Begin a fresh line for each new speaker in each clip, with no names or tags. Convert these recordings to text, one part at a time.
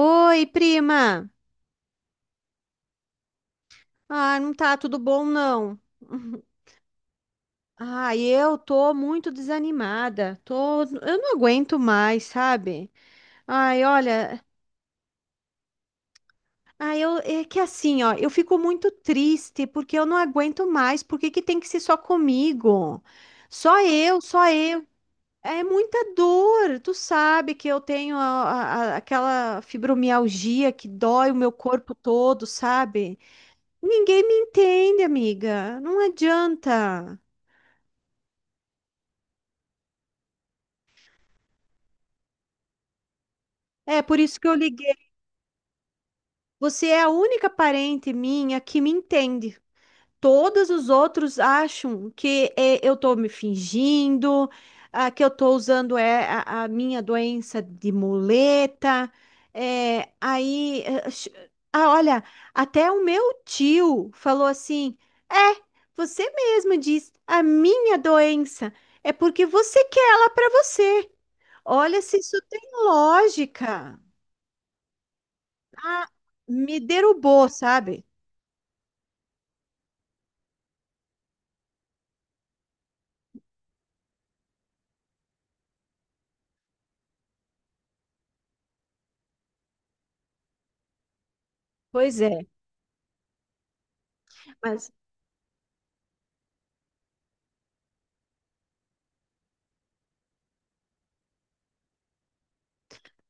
Oi, prima. Ah, não tá tudo bom, não. Ah, eu tô muito desanimada. Eu não aguento mais, sabe? Ai, olha, ai, é que assim, ó, eu fico muito triste porque eu não aguento mais. Por que que tem que ser só comigo? Só eu, só eu. É muita dor. Tu sabe que eu tenho aquela fibromialgia que dói o meu corpo todo, sabe? Ninguém me entende, amiga. Não adianta. É por isso que eu liguei. Você é a única parente minha que me entende. Todos os outros acham que é, eu tô me fingindo, ah, que eu tô usando é, a minha doença de muleta. É, aí, ah, olha, até o meu tio falou assim: É, você mesma diz, a minha doença é porque você quer ela pra você. Olha se isso tem lógica. Ah, me derrubou, sabe? Pois é, mas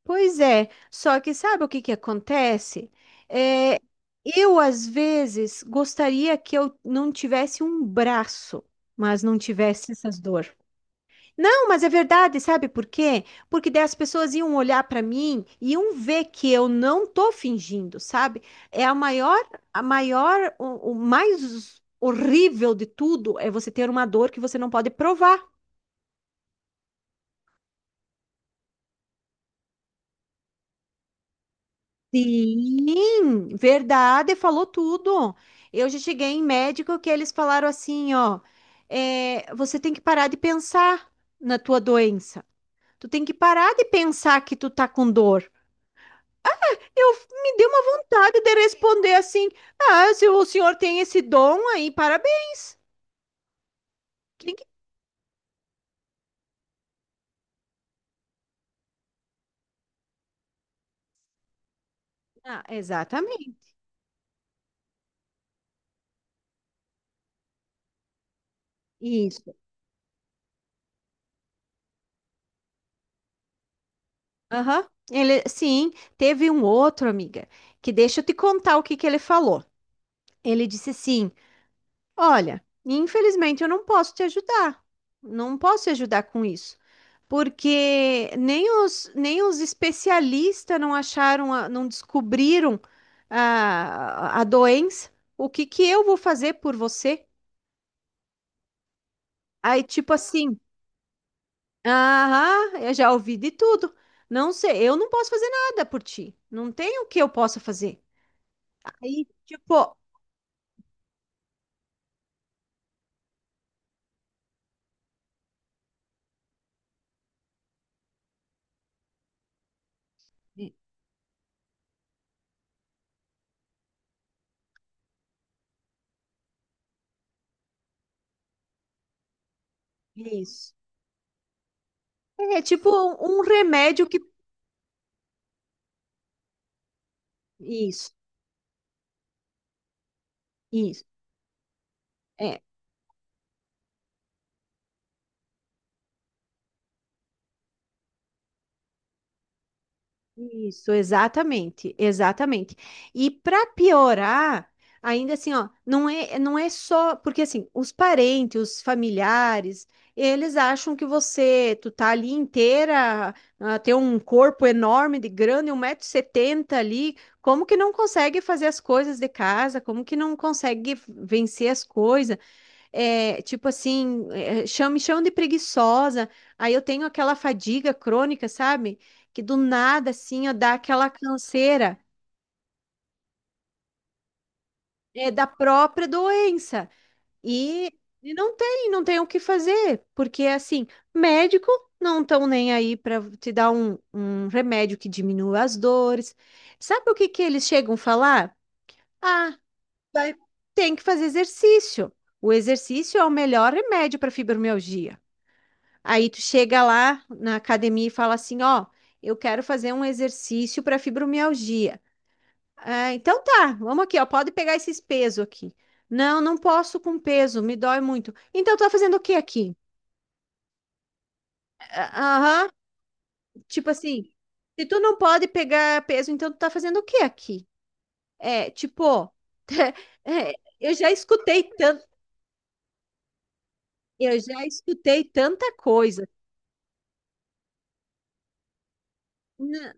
pois é. Só que sabe o que que acontece? É, eu às vezes gostaria que eu não tivesse um braço, mas não tivesse essas dor. Não, mas é verdade, sabe por quê? Porque daí as pessoas iam olhar para mim e iam ver que eu não tô fingindo, sabe? É a maior, o mais horrível de tudo é você ter uma dor que você não pode provar. Sim, verdade, falou tudo. Eu já cheguei em médico que eles falaram assim, ó, é, você tem que parar de pensar na tua doença. Tu tem que parar de pensar que tu tá com dor. Eu me dei uma vontade de responder assim: Ah, se o senhor tem esse dom aí, parabéns. Quem que- Ah, exatamente. Isso. Aham. Ele, sim, teve um outro, amiga, que deixa eu te contar o que que ele falou. Ele disse assim: Olha, infelizmente eu não posso te ajudar. Não posso te ajudar com isso. Porque nem os especialistas não acharam, não descobriram a doença. O que que eu vou fazer por você? Aí, tipo assim, aham, eu já ouvi de tudo. Não sei, eu não posso fazer nada por ti. Não tem o que eu possa fazer. Aí, tipo, i- isso. É tipo um remédio que. Isso, isso. É. Isso, exatamente, exatamente. E para piorar, ainda assim, ó, não é só porque assim, os parentes, os familiares, eles acham que você, tu tá ali inteira, ah, tem um corpo enorme de grande, 1,70 m ali, como que não consegue fazer as coisas de casa? Como que não consegue vencer as coisas? É, tipo assim, é, me chamam de preguiçosa. Aí eu tenho aquela fadiga crônica, sabe? Que do nada, assim, ó, dá aquela canseira, é, da própria doença. E, e não tem, não tem o que fazer, porque assim, médico não estão nem aí para te dar um, um remédio que diminua as dores. Sabe o que que eles chegam a falar? Ah, vai- tem que fazer exercício. O exercício é o melhor remédio para fibromialgia. Aí tu chega lá na academia e fala assim, ó, eu quero fazer um exercício para fibromialgia. Ah, então tá, vamos aqui, ó, pode pegar esses pesos aqui. Não, não posso com peso, me dói muito. Então tá fazendo o que aqui? Ah, aham, tipo assim, se tu não pode pegar peso, então tu tá fazendo o que aqui? É, tipo, é, eu já escutei tanto, eu já escutei tanta coisa. Não,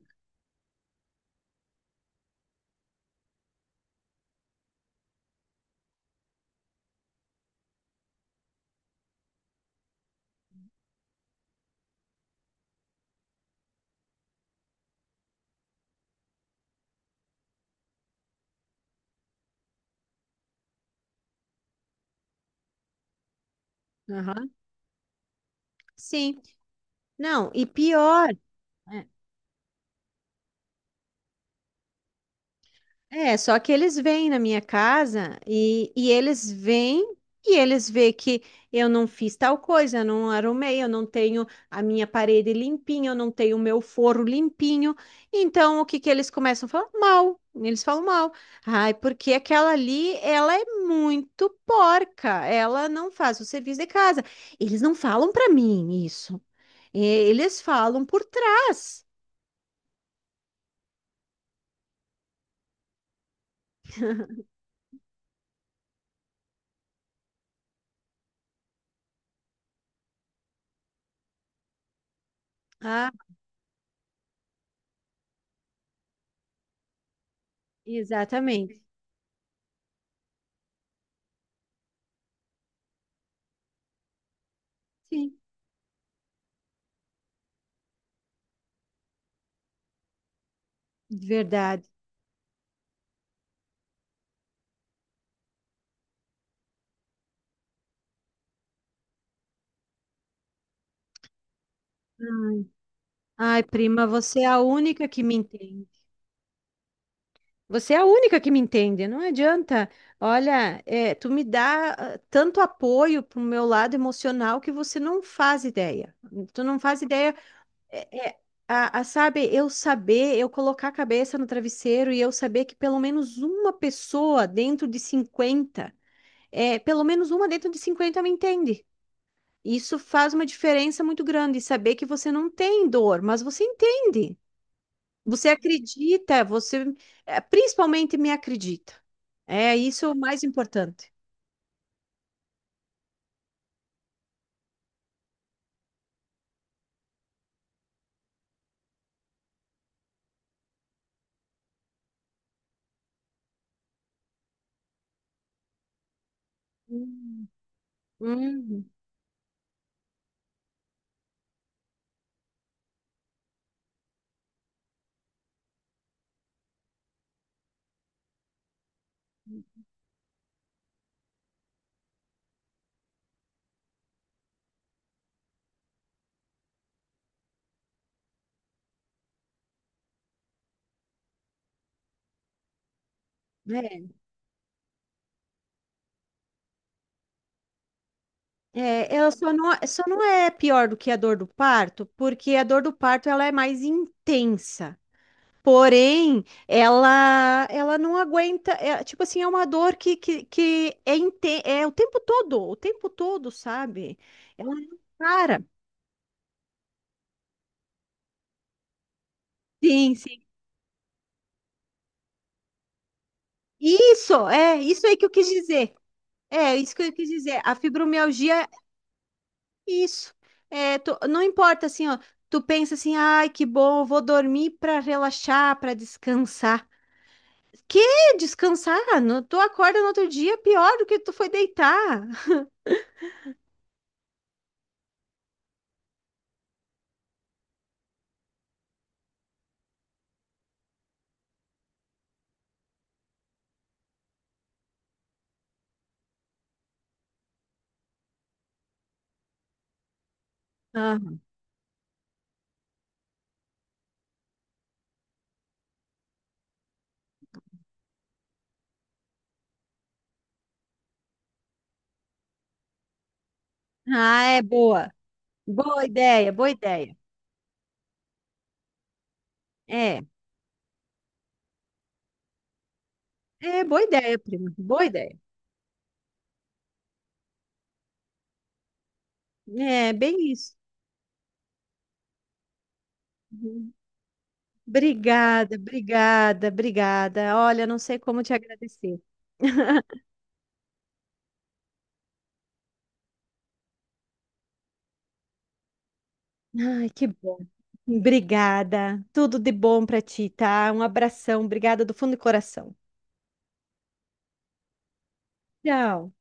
aham, sim, não, e pior. É, é, só que eles vêm na minha casa e eles vêm e eles vê que eu não fiz tal coisa, eu não arrumei, eu não tenho a minha parede limpinha, eu não tenho o meu forro limpinho. Então, o que que eles começam a falar? Mal. Eles falam mal. Ai, porque aquela ali, ela é muito porca, ela não faz o serviço de casa. Eles não falam para mim isso. E- Eles falam por trás. Ah, exatamente. Sim, verdade. Ai, prima, você é a única que me entende. Você é a única que me entende, não adianta. Olha, é, tu me dá ah, tanto apoio pro meu lado emocional que você não faz ideia. Tu não faz ideia. É, é, sabe, eu saber, eu colocar a cabeça no travesseiro e eu saber que pelo menos uma pessoa dentro de 50, é, pelo menos uma dentro de 50 me entende. Isso faz uma diferença muito grande, saber que você não tem dor, mas você entende. Você acredita, você eh, principalmente me acredita. É isso é o mais importante. Hum. Hum. É, é, ela só não é pior do que a dor do parto, porque a dor do parto ela é mais intensa. Porém, ela não aguenta, é, tipo assim, é uma dor que, que é, é o tempo todo, sabe? Ela não para. Sim, sim. Isso, é, isso aí que eu quis dizer. É, isso que eu quis dizer. A fibromialgia é isso. É, não importa assim, ó. Tu pensa assim, ai, que bom, vou dormir para relaxar, para descansar. Que descansar? No, tu acorda no outro dia pior do que tu foi deitar. Ah, ah, é boa. Boa ideia, boa ideia. É, é boa ideia, prima. Boa ideia. É, bem isso. Uhum. Obrigada, obrigada, obrigada. Olha, não sei como te agradecer. Ai, que bom. Obrigada. Tudo de bom pra ti, tá? Um abração. Obrigada do fundo do coração. Tchau.